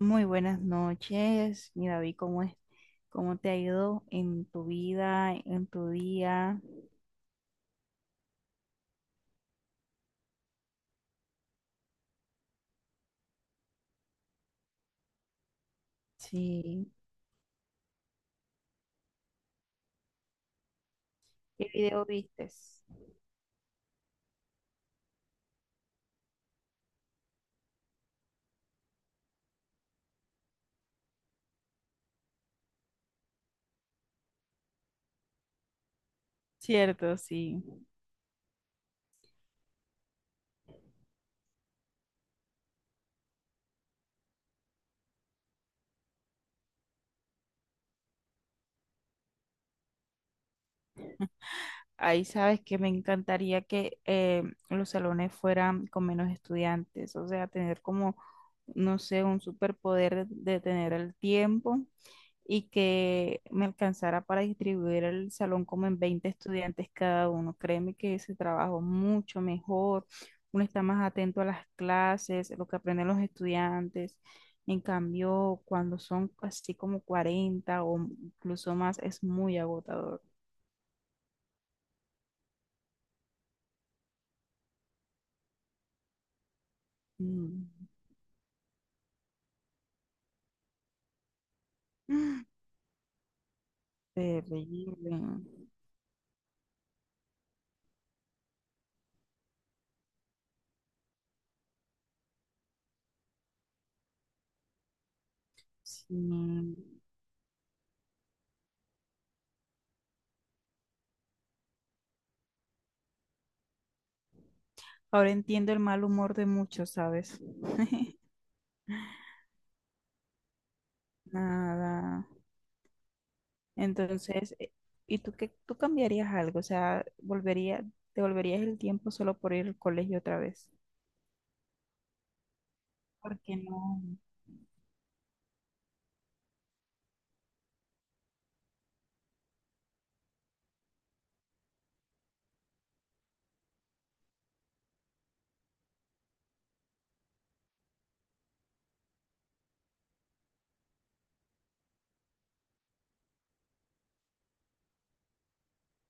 Muy buenas noches, mi David, ¿cómo es? ¿Cómo te ha ido en tu vida, en tu día? Sí. ¿Qué video vistes? Cierto, sí. Ahí sabes que me encantaría que los salones fueran con menos estudiantes, o sea, tener como, no sé, un superpoder de tener el tiempo y que me alcanzara para distribuir el salón como en 20 estudiantes cada uno. Créeme que ese trabajo es mucho mejor, uno está más atento a las clases, lo que aprenden los estudiantes. En cambio, cuando son así como 40 o incluso más, es muy agotador. Mm. Terrible. Sí. Ahora entiendo el mal humor de muchos, ¿sabes? Nada. Entonces, ¿y tú qué, tú cambiarías algo? O sea, volvería, ¿te volverías el tiempo solo por ir al colegio otra vez? ¿Por qué no?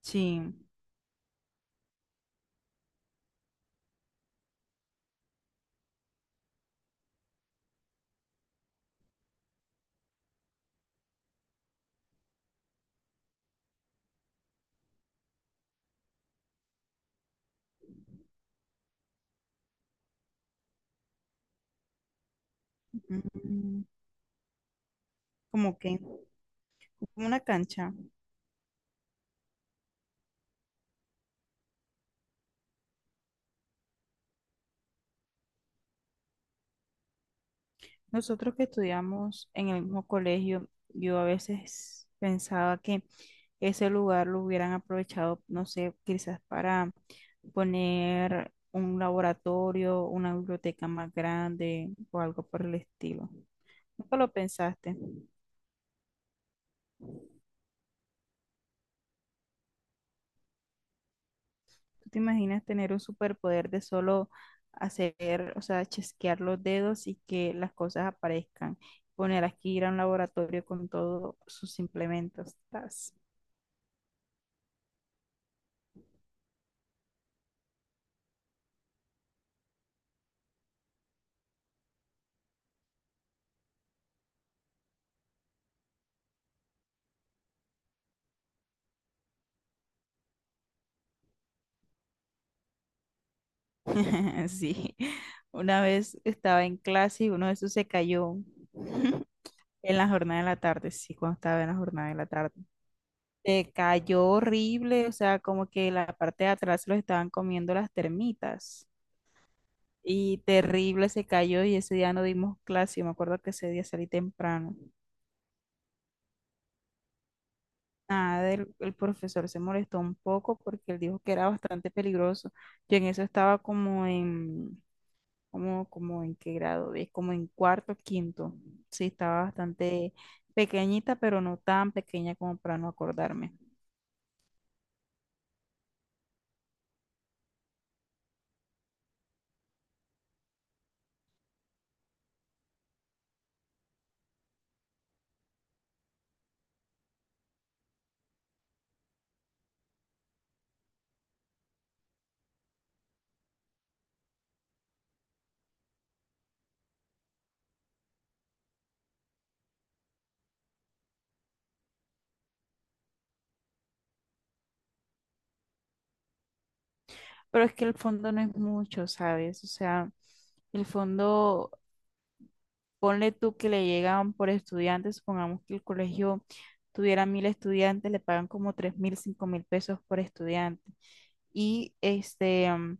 Sí. Mm. Como que, como una cancha. Nosotros que estudiamos en el mismo colegio, yo a veces pensaba que ese lugar lo hubieran aprovechado, no sé, quizás para poner un laboratorio, una biblioteca más grande o algo por el estilo. Nunca lo pensaste. ¿Tú te imaginas tener un superpoder de solo hacer, o sea, chasquear los dedos y que las cosas aparezcan? Poner aquí ir a un laboratorio con todos sus implementos. Tas. Sí, una vez estaba en clase y uno de esos se cayó. En la jornada de la tarde, sí, cuando estaba en la jornada de la tarde. Se cayó horrible, o sea, como que la parte de atrás se lo estaban comiendo las termitas. Y terrible se cayó y ese día no dimos clase. Yo me acuerdo que ese día salí temprano. Nada, el profesor se molestó un poco porque él dijo que era bastante peligroso. Yo en eso estaba como en, como, como en qué grado, es como en cuarto, quinto. Sí, estaba bastante pequeñita, pero no tan pequeña como para no acordarme. Pero es que el fondo no es mucho, ¿sabes? O sea, el fondo, ponle tú que le llegan por estudiantes, supongamos que el colegio tuviera 1.000 estudiantes, le pagan como 3.000, 5.000 pesos por estudiante. Y este, mm,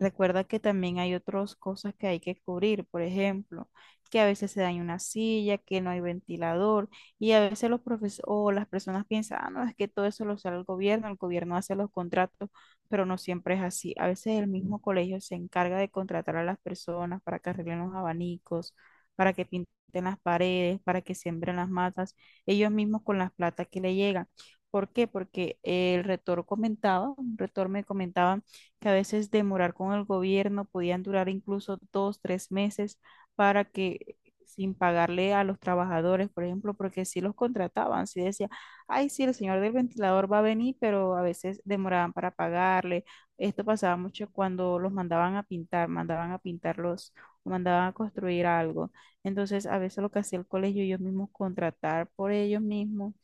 recuerda que también hay otras cosas que hay que cubrir, por ejemplo, que a veces se daña una silla, que no hay ventilador, y a veces los profesores o las personas piensan, ah, no, es que todo eso lo sale el gobierno hace los contratos, pero no siempre es así. A veces el mismo colegio se encarga de contratar a las personas para que arreglen los abanicos, para que pinten las paredes, para que siembren las matas, ellos mismos con las plata que le llegan. ¿Por qué? Porque el rector comentaba, un rector me comentaba que a veces demorar con el gobierno podían durar incluso 2, 3 meses para que sin pagarle a los trabajadores, por ejemplo, porque si los contrataban, si decía, ay, sí, el señor del ventilador va a venir, pero a veces demoraban para pagarle. Esto pasaba mucho cuando los mandaban a pintar, mandaban a pintarlos o mandaban a construir algo. Entonces, a veces lo que hacía el colegio, ellos mismos contratar por ellos mismos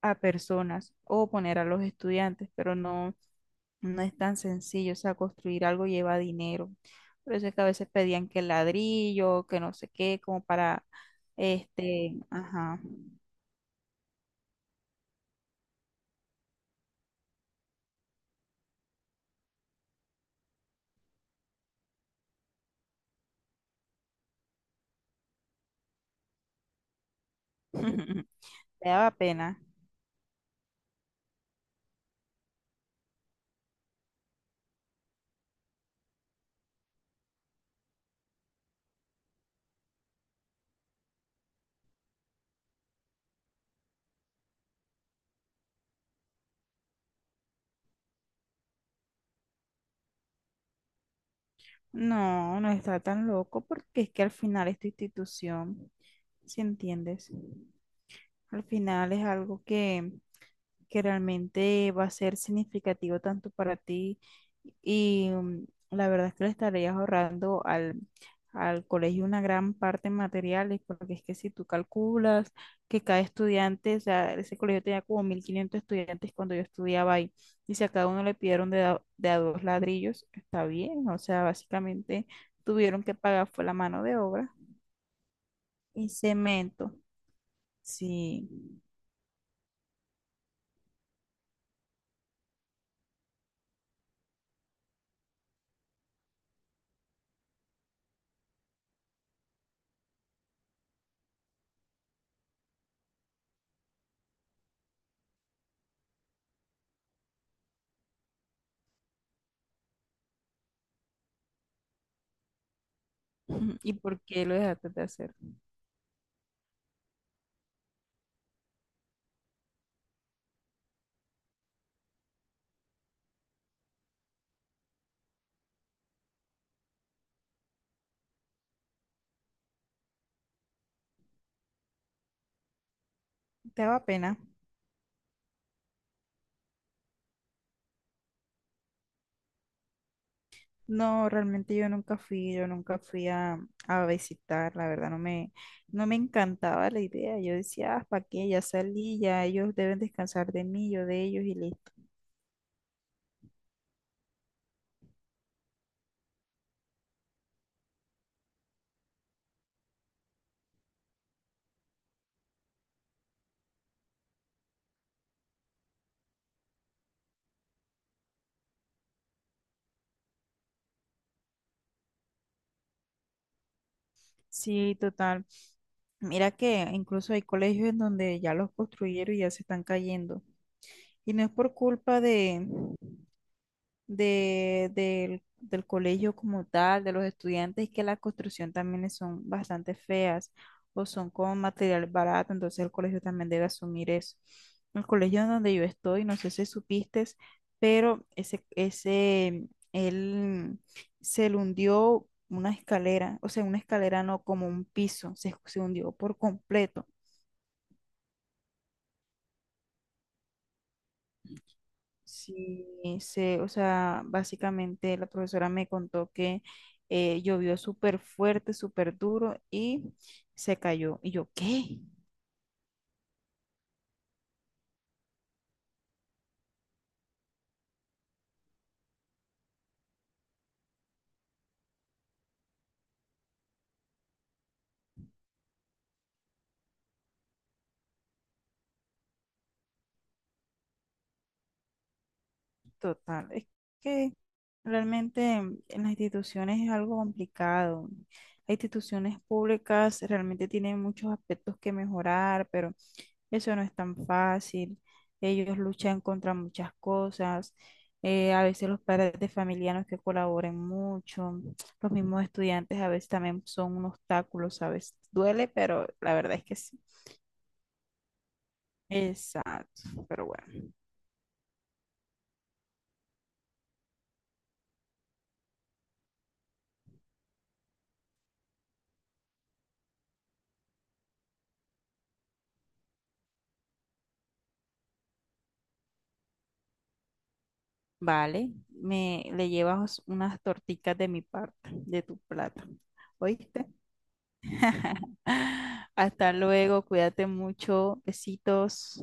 a personas o poner a los estudiantes, pero no es tan sencillo, o sea, construir algo lleva dinero. Por eso es que a veces pedían que ladrillo, que no sé qué, como para, este, ajá. Te daba pena. No, no está tan loco porque es que al final esta institución, si entiendes, al final es algo que realmente va a ser significativo tanto para ti y mm, la verdad es que le estarías ahorrando al colegio una gran parte en materiales, porque es que si tú calculas que cada estudiante, o sea, ese colegio tenía como 1.500 estudiantes cuando yo estudiaba ahí, y si a cada uno le pidieron de a dos ladrillos, está bien, o sea, básicamente tuvieron que pagar fue la mano de obra y cemento, sí. ¿Y por qué lo dejaste de hacer? Te daba pena. No, realmente yo nunca fui a visitar, la verdad no me, no me encantaba la idea. Yo decía, ah, ¿para qué? Ya salí, ya ellos deben descansar de mí, yo de ellos y listo. Sí, total. Mira que incluso hay colegios en donde ya los construyeron y ya se están cayendo. Y no es por culpa de, del colegio como tal, de los estudiantes, y que la construcción también es- son bastante feas o son con material barato, entonces el colegio también debe asumir eso. El colegio en donde yo estoy, no sé si supiste, pero ese, él se le hundió una escalera, o sea, una escalera no, como un piso, se hundió por completo. Sí, sé, o sea, básicamente la profesora me contó que llovió súper fuerte, súper duro y se cayó. Y yo, ¿qué? Total, es que realmente en las instituciones es algo complicado. Las instituciones públicas realmente tienen muchos aspectos que mejorar, pero eso no es tan fácil. Ellos luchan contra muchas cosas. A veces los padres de familia no es que colaboren mucho. Los mismos estudiantes a veces también son un obstáculo, ¿sabes? Duele, pero la verdad es que sí. Exacto. Pero bueno. Vale, me le llevas unas torticas de mi parte, de tu plato. ¿Oíste? Hasta luego, cuídate mucho. Besitos.